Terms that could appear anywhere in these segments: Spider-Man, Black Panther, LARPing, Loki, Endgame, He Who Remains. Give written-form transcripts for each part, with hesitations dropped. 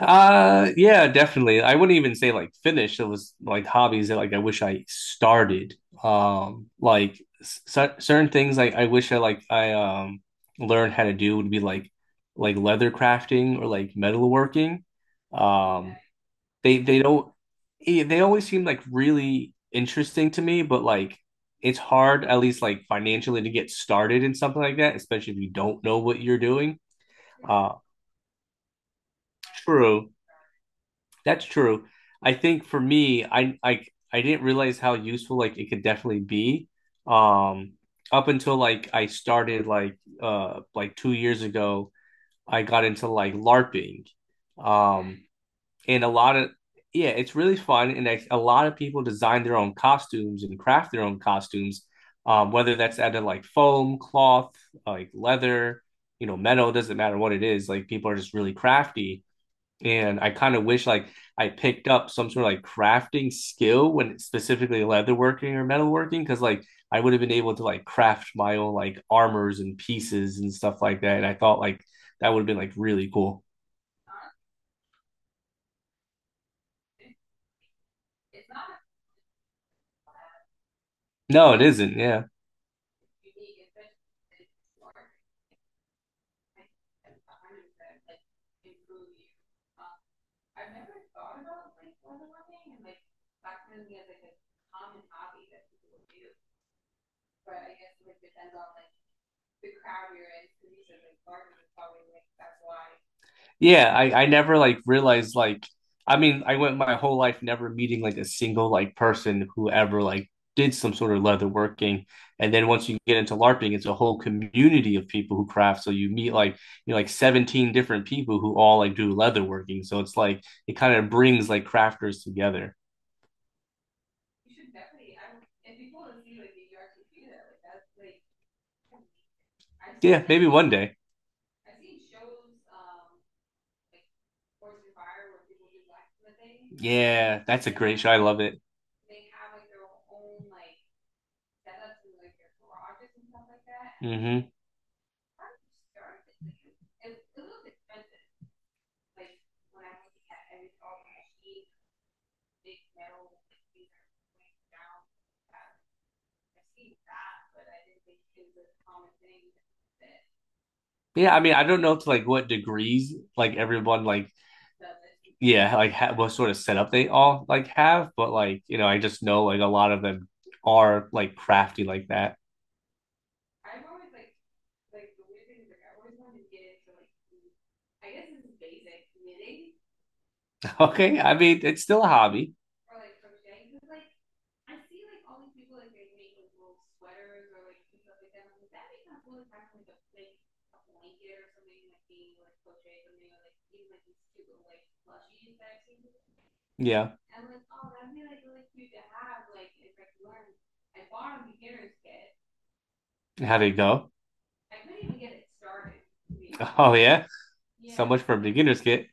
Yeah, definitely. I wouldn't even say like finished. It was like hobbies that like I wish I started. Like c certain things like I wish I learned how to do would be like leather crafting or like metalworking. Um, they don't. They always seem like really interesting to me, but like it's hard at least like financially to get started in something like that, especially if you don't know what you're doing. Uh, True. That's true. I think for me, I didn't realize how useful like it could definitely be. Um, up until like I started like 2 years ago, I got into like LARPing. Um, and a lot of Yeah, it's really fun, and a lot of people design their own costumes and craft their own costumes. Whether that's out of like foam, cloth, like leather, metal, doesn't matter what it is. Like people are just really crafty and I kind of wish like I picked up some sort of like crafting skill when specifically leatherworking or metalworking because like I would have been able to like craft my own like armors and pieces and stuff like that. And I thought like that would have been like really cool. No, it isn't. Yeah. Yeah, I never like realized like I mean I went my whole life never meeting like a single like person who ever like did some sort of leather working. And then once you get into LARPing, it's a whole community of people who craft. So you meet like 17 different people who all like do leather working. So it's like it kind of brings like crafters together. Yeah, maybe one day. Yeah, that's a great show. I love it. Hmm. Yeah, I mean, I don't know to like what degrees like everyone like, yeah, like ha what sort of setup they all like have, but like, I just know like a lot of them are like crafty like that. Okay, I mean it's still a hobby. Yeah, how would it go? Oh yeah, so much for a beginner's kit.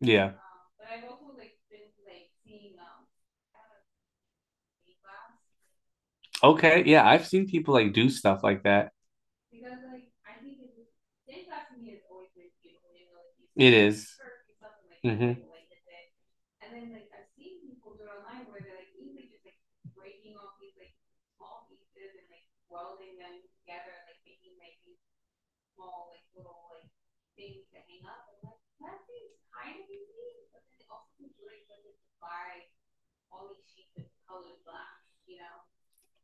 Yeah, okay, yeah, I've seen people like do stuff like that. It is. Mm-hmm.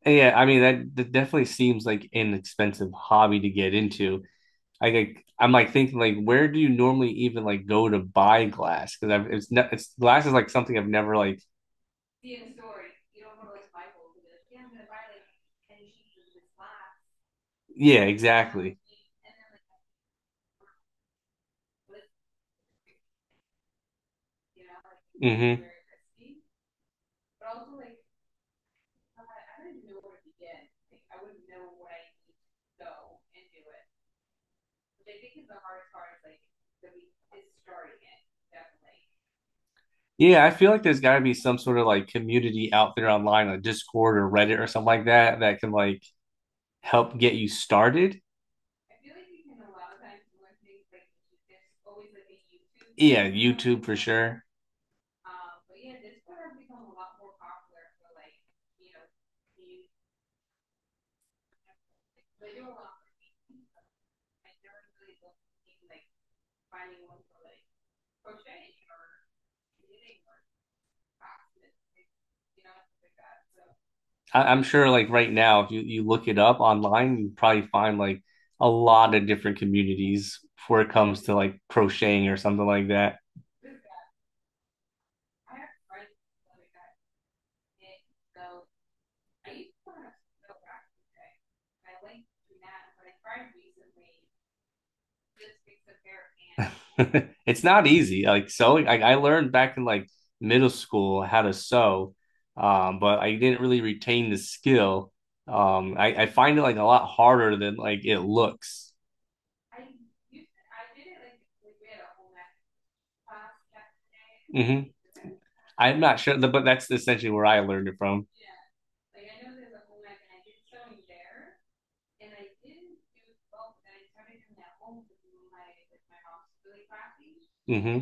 Yeah, I mean that definitely seems like an expensive hobby to get into. I'm like thinking like where do you normally even like go to buy glass? Because I've it's ne it's glass is like something I've never like. Yeah, exactly. Hmm. Yeah, I feel like there's got to be some sort of like community out there online, like Discord or Reddit or something like that, that can like help get you started. Yeah, YouTube for sure. I'm sure like right now, if you look it up online, you probably find like a lot of different communities before it comes to like crocheting or something like that. It's not easy. Like sewing, I learned back in like middle school how to sew, but I didn't really retain the skill. I find it like a lot harder than like it looks. Hmm. I'm not sure, but that's essentially where I learned it from. Hmm.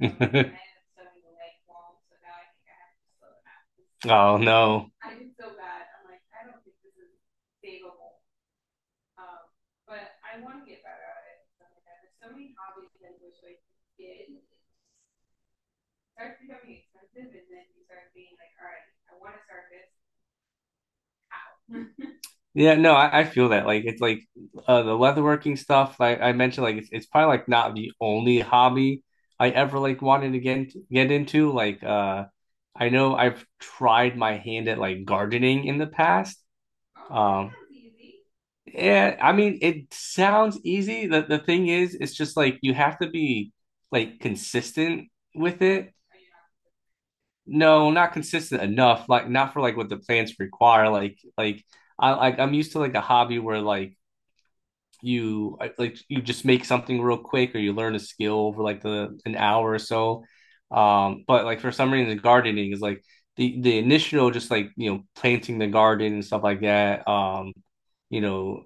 Oh no. Yeah, no, I feel that. Like it's like the leatherworking stuff, like I mentioned, like it's probably like not the only hobby I ever like wanted to get into. Like I know I've tried my hand at like gardening in the past. Um yeah, I mean it sounds easy. The thing is it's just like you have to be like consistent with it. No, not consistent enough, like not for like what the plants require. Like I'm used to like a hobby where like you just make something real quick or you learn a skill over like the an hour or so but like for some reason gardening is like the initial just like planting the garden and stuff like that you know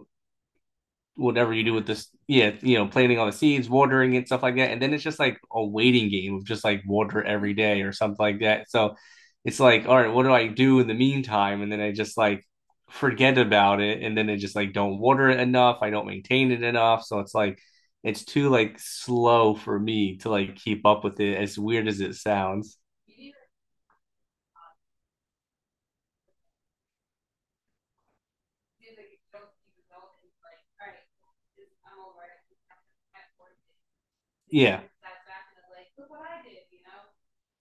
whatever you do with this, yeah, planting all the seeds, watering it, stuff like that. And then it's just like a waiting game of just like water every day or something like that. So it's like, all right, what do I do in the meantime? And then I just like forget about it. And then I just like don't water it enough. I don't maintain it enough. So it's like, it's too like slow for me to like keep up with it, as weird as it sounds. Yeah.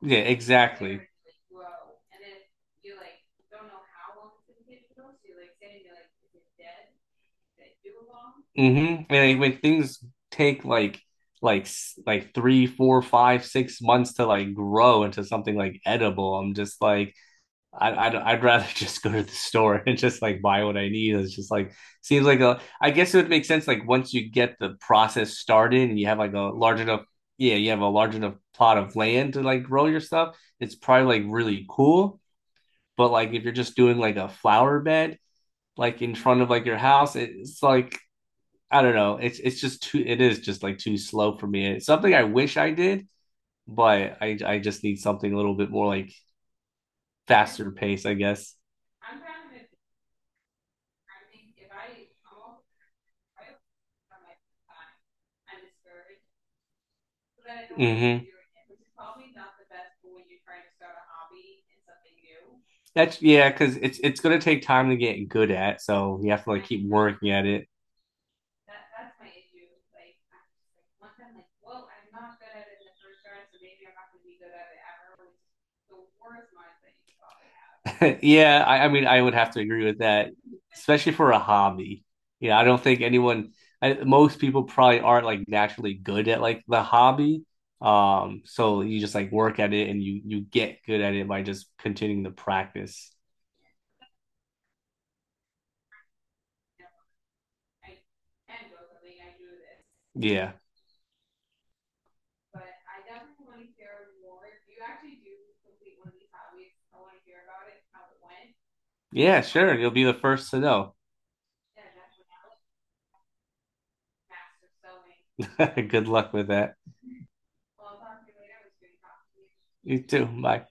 Yeah, exactly. Mm-hmm. And like, when things take like 3, 4, 5, 6 months to like grow into something like edible, I'm just like I'd rather just go to the store and just like buy what I need. It's just like seems like a I guess it would make sense like once you get the process started and you have like a large enough yeah, you have a large enough plot of land to like grow your stuff. It's probably like really cool, but like if you're just doing like a flower bed like in front of like your house, it's like I don't know. It's just too. It is just like too slow for me. It's something I wish I did, but I just need something a little bit more like faster pace, I guess. Mm-hmm. That's Yeah, because it's gonna take time to get good at, so you have to like keep working at it. Yeah, I mean, I would have to agree with that, especially for a hobby. Yeah, I don't think anyone, most people probably aren't like naturally good at like the hobby. So you just like work at it and you get good at it by just continuing to practice. Yeah. Yeah, sure. You'll be the first to know. Good luck with that. You too. Bye.